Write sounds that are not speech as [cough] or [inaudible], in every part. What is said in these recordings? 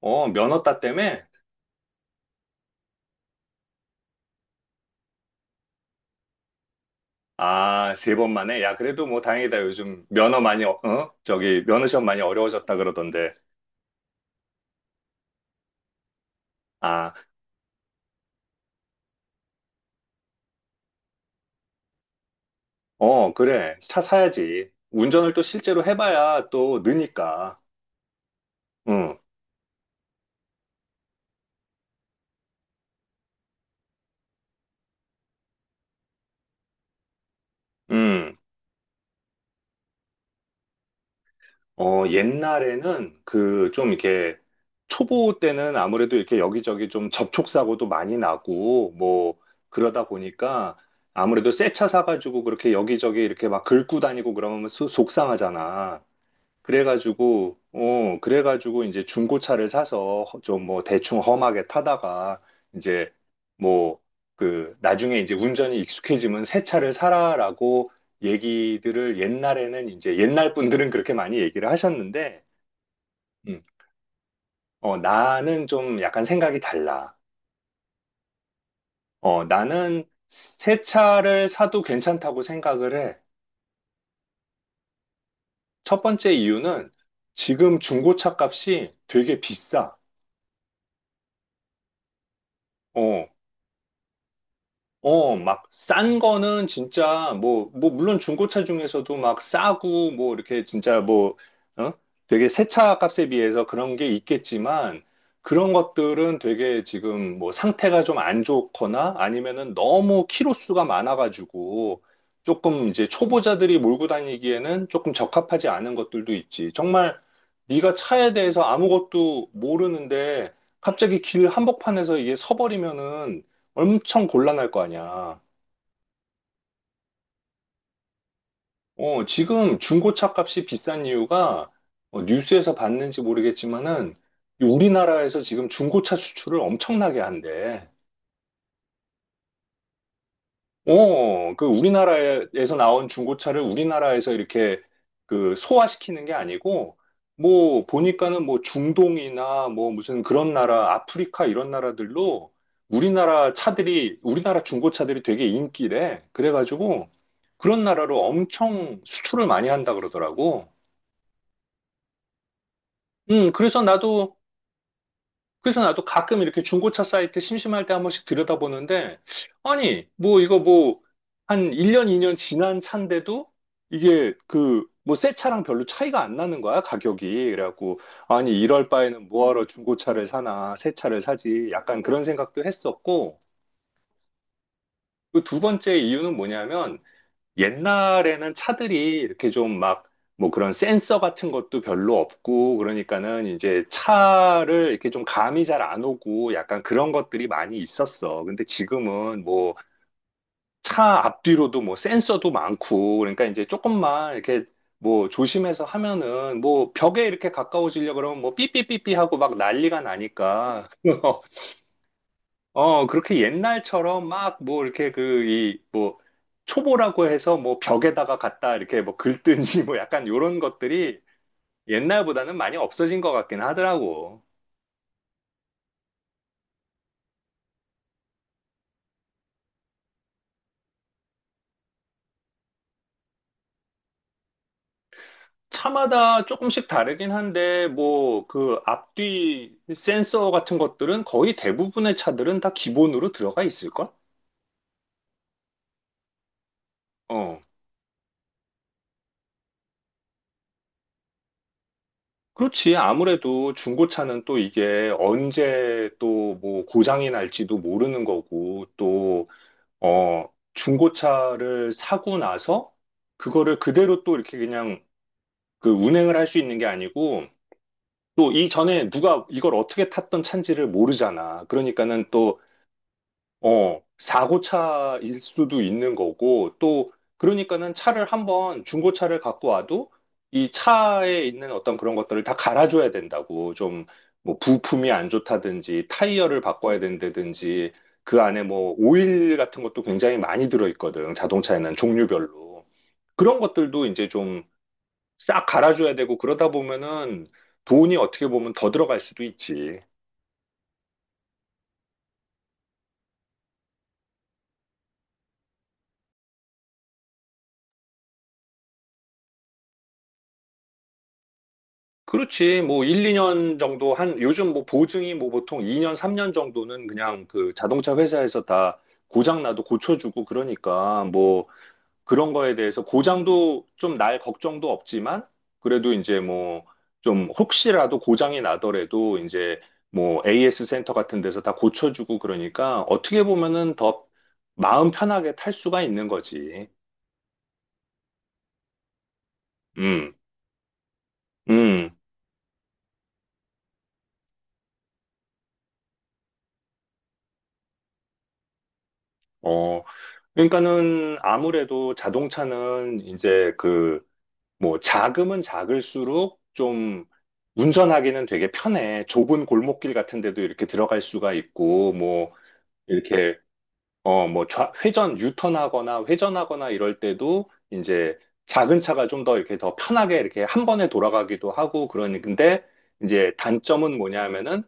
어, 면허 땄 때문에? 아, 세 번 만에? 야, 그래도 뭐 다행이다. 요즘 면허 많이, 어, 어? 저기, 면허 시험 많이 어려워졌다 그러던데. 아, 어, 그래. 차 사야지. 운전을 또 실제로 해봐야 또 느니까. 응, 응. 어, 옛날에는 그 좀 이렇게 초보 때는 아무래도 이렇게 여기저기 좀 접촉사고도 많이 나고 뭐 그러다 보니까 아무래도 새 차 사가지고 그렇게 여기저기 이렇게 막 긁고 다니고 그러면 수- 속상하잖아. 그래가지고, 어, 그래가지고 이제 중고차를 사서 좀 뭐 대충 험하게 타다가 이제 뭐 그 나중에 이제 운전이 익숙해지면 새 차를 사라라고 얘기들을 옛날에는 이제 옛날 분들은 그렇게 많이 얘기를 하셨는데, 음, 어, 나는 좀 약간 생각이 달라. 어, 나는 새 차를 사도 괜찮다고 생각을 해. 첫 번째 이유는 지금 중고차 값이 되게 비싸. 어, 어, 막, 싼 거는 진짜, 뭐, 뭐, 물론 중고차 중에서도 막 싸고, 뭐, 이렇게 진짜 뭐, 어? 되게 새 차 값에 비해서 그런 게 있겠지만, 그런 것들은 되게 지금 뭐 상태가 좀 안 좋거나 아니면은 너무 키로수가 많아가지고, 조금 이제 초보자들이 몰고 다니기에는 조금 적합하지 않은 것들도 있지. 정말 네가 차에 대해서 아무것도 모르는데, 갑자기 길 한복판에서 이게 서버리면은 엄청 곤란할 거 아니야. 어, 지금 중고차 값이 비싼 이유가 어, 뉴스에서 봤는지 모르겠지만은 이 우리나라에서 지금 중고차 수출을 엄청나게 한대. 어, 그 우리나라에서 나온 중고차를 우리나라에서 이렇게 그 소화시키는 게 아니고, 뭐, 보니까는 뭐 중동이나 뭐 무슨 그런 나라, 아프리카 이런 나라들로 우리나라 차들이, 우리나라 중고차들이 되게 인기래. 그래가지고 그런 나라로 엄청 수출을 많이 한다 그러더라고. 음, 그래서 나도 그래서 나도 가끔 이렇게 중고차 사이트 심심할 때 한 번씩 들여다보는데, 아니, 뭐 이거 뭐 한 1년, 2년 지난 차인데도 이게 그 뭐 새 차랑 별로 차이가 안 나는 거야, 가격이. 그래갖고, 아니, 이럴 바에는 뭐하러 중고차를 사나, 새 차를 사지. 약간 그런 생각도 했었고, 그 두 번째 이유는 뭐냐면, 옛날에는 차들이 이렇게 좀 막 뭐 그런 센서 같은 것도 별로 없고 그러니까는 이제 차를 이렇게 좀 감이 잘 안 오고 약간 그런 것들이 많이 있었어. 근데 지금은 뭐 차 앞뒤로도 뭐 센서도 많고 그러니까 이제 조금만 이렇게 뭐 조심해서 하면은 뭐 벽에 이렇게 가까워지려고 그러면 뭐 삐삐삐삐 하고 막 난리가 나니까 [laughs] 어, 그렇게 옛날처럼 막 뭐 이렇게 그, 이, 뭐, 초보라고 해서 뭐 벽에다가 갖다 이렇게 뭐 긁든지 뭐 약간 요런 것들이 옛날보다는 많이 없어진 것 같긴 하더라고. 차마다 조금씩 다르긴 한데 뭐 그 앞뒤 센서 같은 것들은 거의 대부분의 차들은 다 기본으로 들어가 있을걸? 어. 그렇지. 아무래도 중고차는 또 이게 언제 또 뭐 고장이 날지도 모르는 거고 또 어, 중고차를 사고 나서 그거를 그대로 또 이렇게 그냥 그 운행을 할 수 있는 게 아니고 또 이전에 누가 이걸 어떻게 탔던 차인지를 모르잖아. 그러니까는 또 어, 사고차일 수도 있는 거고, 또, 그러니까는 차를 한번, 중고차를 갖고 와도 이 차에 있는 어떤 그런 것들을 다 갈아줘야 된다고. 좀, 뭐, 부품이 안 좋다든지, 타이어를 바꿔야 된다든지, 그 안에 뭐, 오일 같은 것도 굉장히 많이 들어있거든. 자동차에는 종류별로. 그런 것들도 이제 좀 싹 갈아줘야 되고, 그러다 보면은 돈이 어떻게 보면 더 들어갈 수도 있지. 그렇지. 뭐 1, 2년 정도 한 요즘 뭐 보증이 뭐 보통 2년, 3년 정도는 그냥 그 자동차 회사에서 다 고장 나도 고쳐주고 그러니까 뭐 그런 거에 대해서 고장도 좀 날 걱정도 없지만 그래도 이제 뭐 좀 혹시라도 고장이 나더라도 이제 뭐 AS 센터 같은 데서 다 고쳐주고 그러니까 어떻게 보면은 더 마음 편하게 탈 수가 있는 거지. 음, 음, 어. 그러니까는 아무래도 자동차는 이제 그 뭐 자금은 작을수록 좀 운전하기는 되게 편해. 좁은 골목길 같은 데도 이렇게 들어갈 수가 있고 뭐 이렇게 어 뭐 회전 유턴하거나 회전하거나 이럴 때도 이제 작은 차가 좀 더 이렇게 더 편하게 이렇게 한 번에 돌아가기도 하고 그러니 근데 이제 단점은 뭐냐면은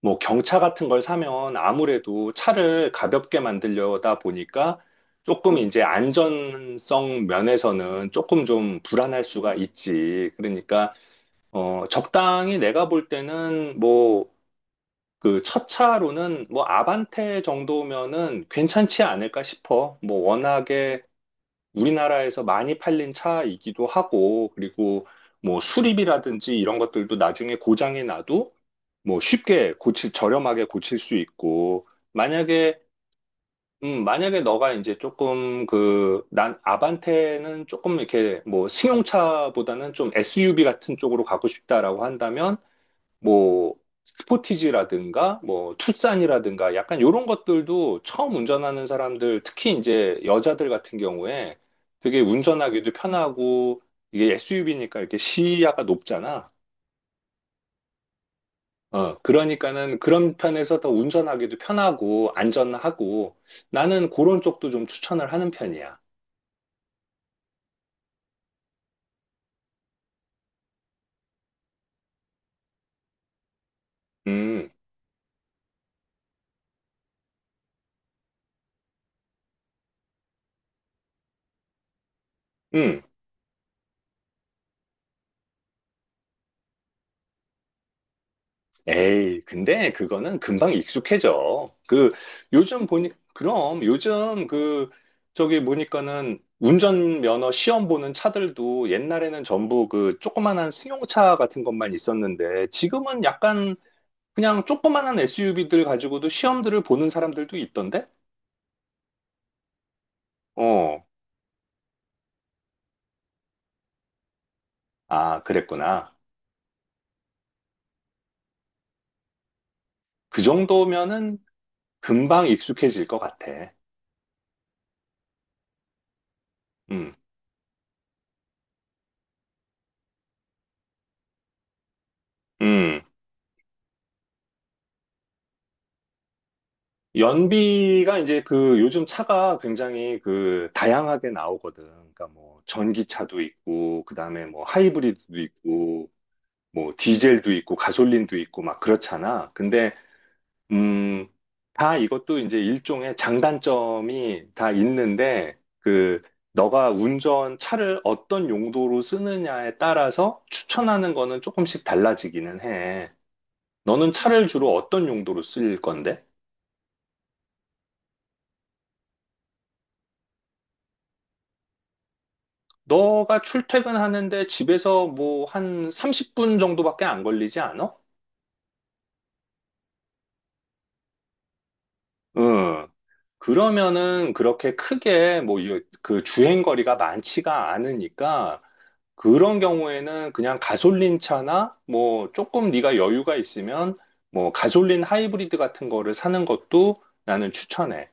뭐 경차 같은 걸 사면 아무래도 차를 가볍게 만들려다 보니까 조금 이제 안전성 면에서는 조금 좀 불안할 수가 있지. 그러니까 어 적당히 내가 볼 때는 뭐 그 첫 차로는 뭐 아반떼 정도면은 괜찮지 않을까 싶어. 뭐 워낙에 우리나라에서 많이 팔린 차이기도 하고, 그리고 뭐 수리비라든지 이런 것들도 나중에 고장이 나도 뭐 쉽게 고칠, 저렴하게 고칠 수 있고, 만약에, 만약에 너가 이제 조금 그, 난 아반떼는 조금 이렇게 뭐 승용차보다는 좀 SUV 같은 쪽으로 가고 싶다라고 한다면, 뭐 스포티지라든가 뭐 투싼이라든가 약간 요런 것들도 처음 운전하는 사람들 특히 이제 여자들 같은 경우에 되게 운전하기도 편하고 이게 SUV니까 이렇게 시야가 높잖아. 어, 그러니까는 그런 편에서 더 운전하기도 편하고 안전하고 나는 그런 쪽도 좀 추천을 하는 편이야. 음, 음. 에이, 근데 그거는 금방 익숙해져. 그, 요즘 보니, 그럼 요즘 그, 저기 보니까는 운전면허 시험 보는 차들도 옛날에는 전부 그 조그만한 승용차 같은 것만 있었는데 지금은 약간 그냥 조그만한 SUV들 가지고도 시험들을 보는 사람들도 있던데? 어, 아, 그랬구나. 그 정도면은 금방 익숙해질 것 같아. 음, 음. 연비가 이제 그 요즘 차가 굉장히 그 다양하게 나오거든. 그러니까 뭐 전기차도 있고, 그 다음에 뭐 하이브리드도 있고, 뭐 디젤도 있고, 가솔린도 있고 막 그렇잖아. 근데, 음, 다 이것도 이제 일종의 장단점이 다 있는데, 그, 너가 운전 차를 어떤 용도로 쓰느냐에 따라서 추천하는 거는 조금씩 달라지기는 해. 너는 차를 주로 어떤 용도로 쓸 건데? 너가 출퇴근하는데 집에서 뭐 한 30분 정도밖에 안 걸리지 않아? 응. 그러면은 그렇게 크게 뭐 그 주행 거리가 많지가 않으니까 그런 경우에는 그냥 가솔린 차나 뭐 조금 네가 여유가 있으면 뭐 가솔린 하이브리드 같은 거를 사는 것도 나는 추천해.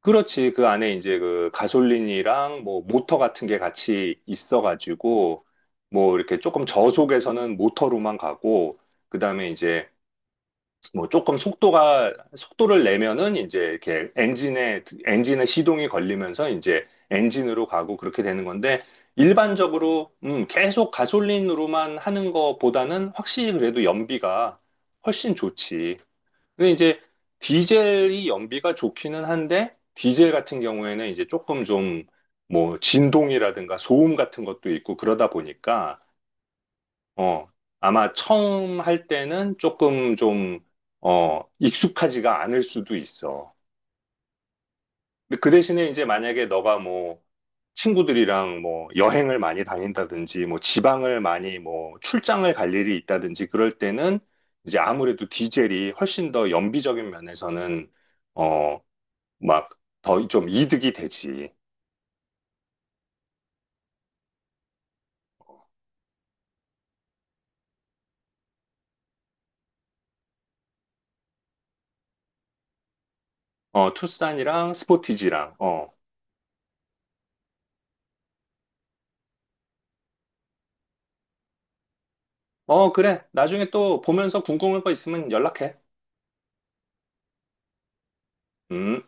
그렇지. 그 안에 이제 그 가솔린이랑 뭐 모터 같은 게 같이 있어가지고 뭐 이렇게 조금 저속에서는 모터로만 가고 그다음에 이제 뭐 조금 속도가 속도를 내면은 이제 이렇게 엔진에 시동이 걸리면서 이제 엔진으로 가고 그렇게 되는 건데 일반적으로 계속 가솔린으로만 하는 것보다는 확실히 그래도 연비가 훨씬 좋지. 근데 이제 디젤이 연비가 좋기는 한데 디젤 같은 경우에는 이제 조금 좀 뭐 진동이라든가 소음 같은 것도 있고 그러다 보니까 어 아마 처음 할 때는 조금 좀 어 익숙하지가 않을 수도 있어. 근데 그 대신에 이제 만약에 너가 뭐 친구들이랑 뭐 여행을 많이 다닌다든지 뭐 지방을 많이 뭐 출장을 갈 일이 있다든지 그럴 때는 이제 아무래도 디젤이 훨씬 더 연비적인 면에서는 어, 막 더 좀 이득이 되지. 어, 투싼이랑 스포티지랑. 어. 어, 그래. 나중에 또 보면서 궁금한 거 있으면 연락해. 음.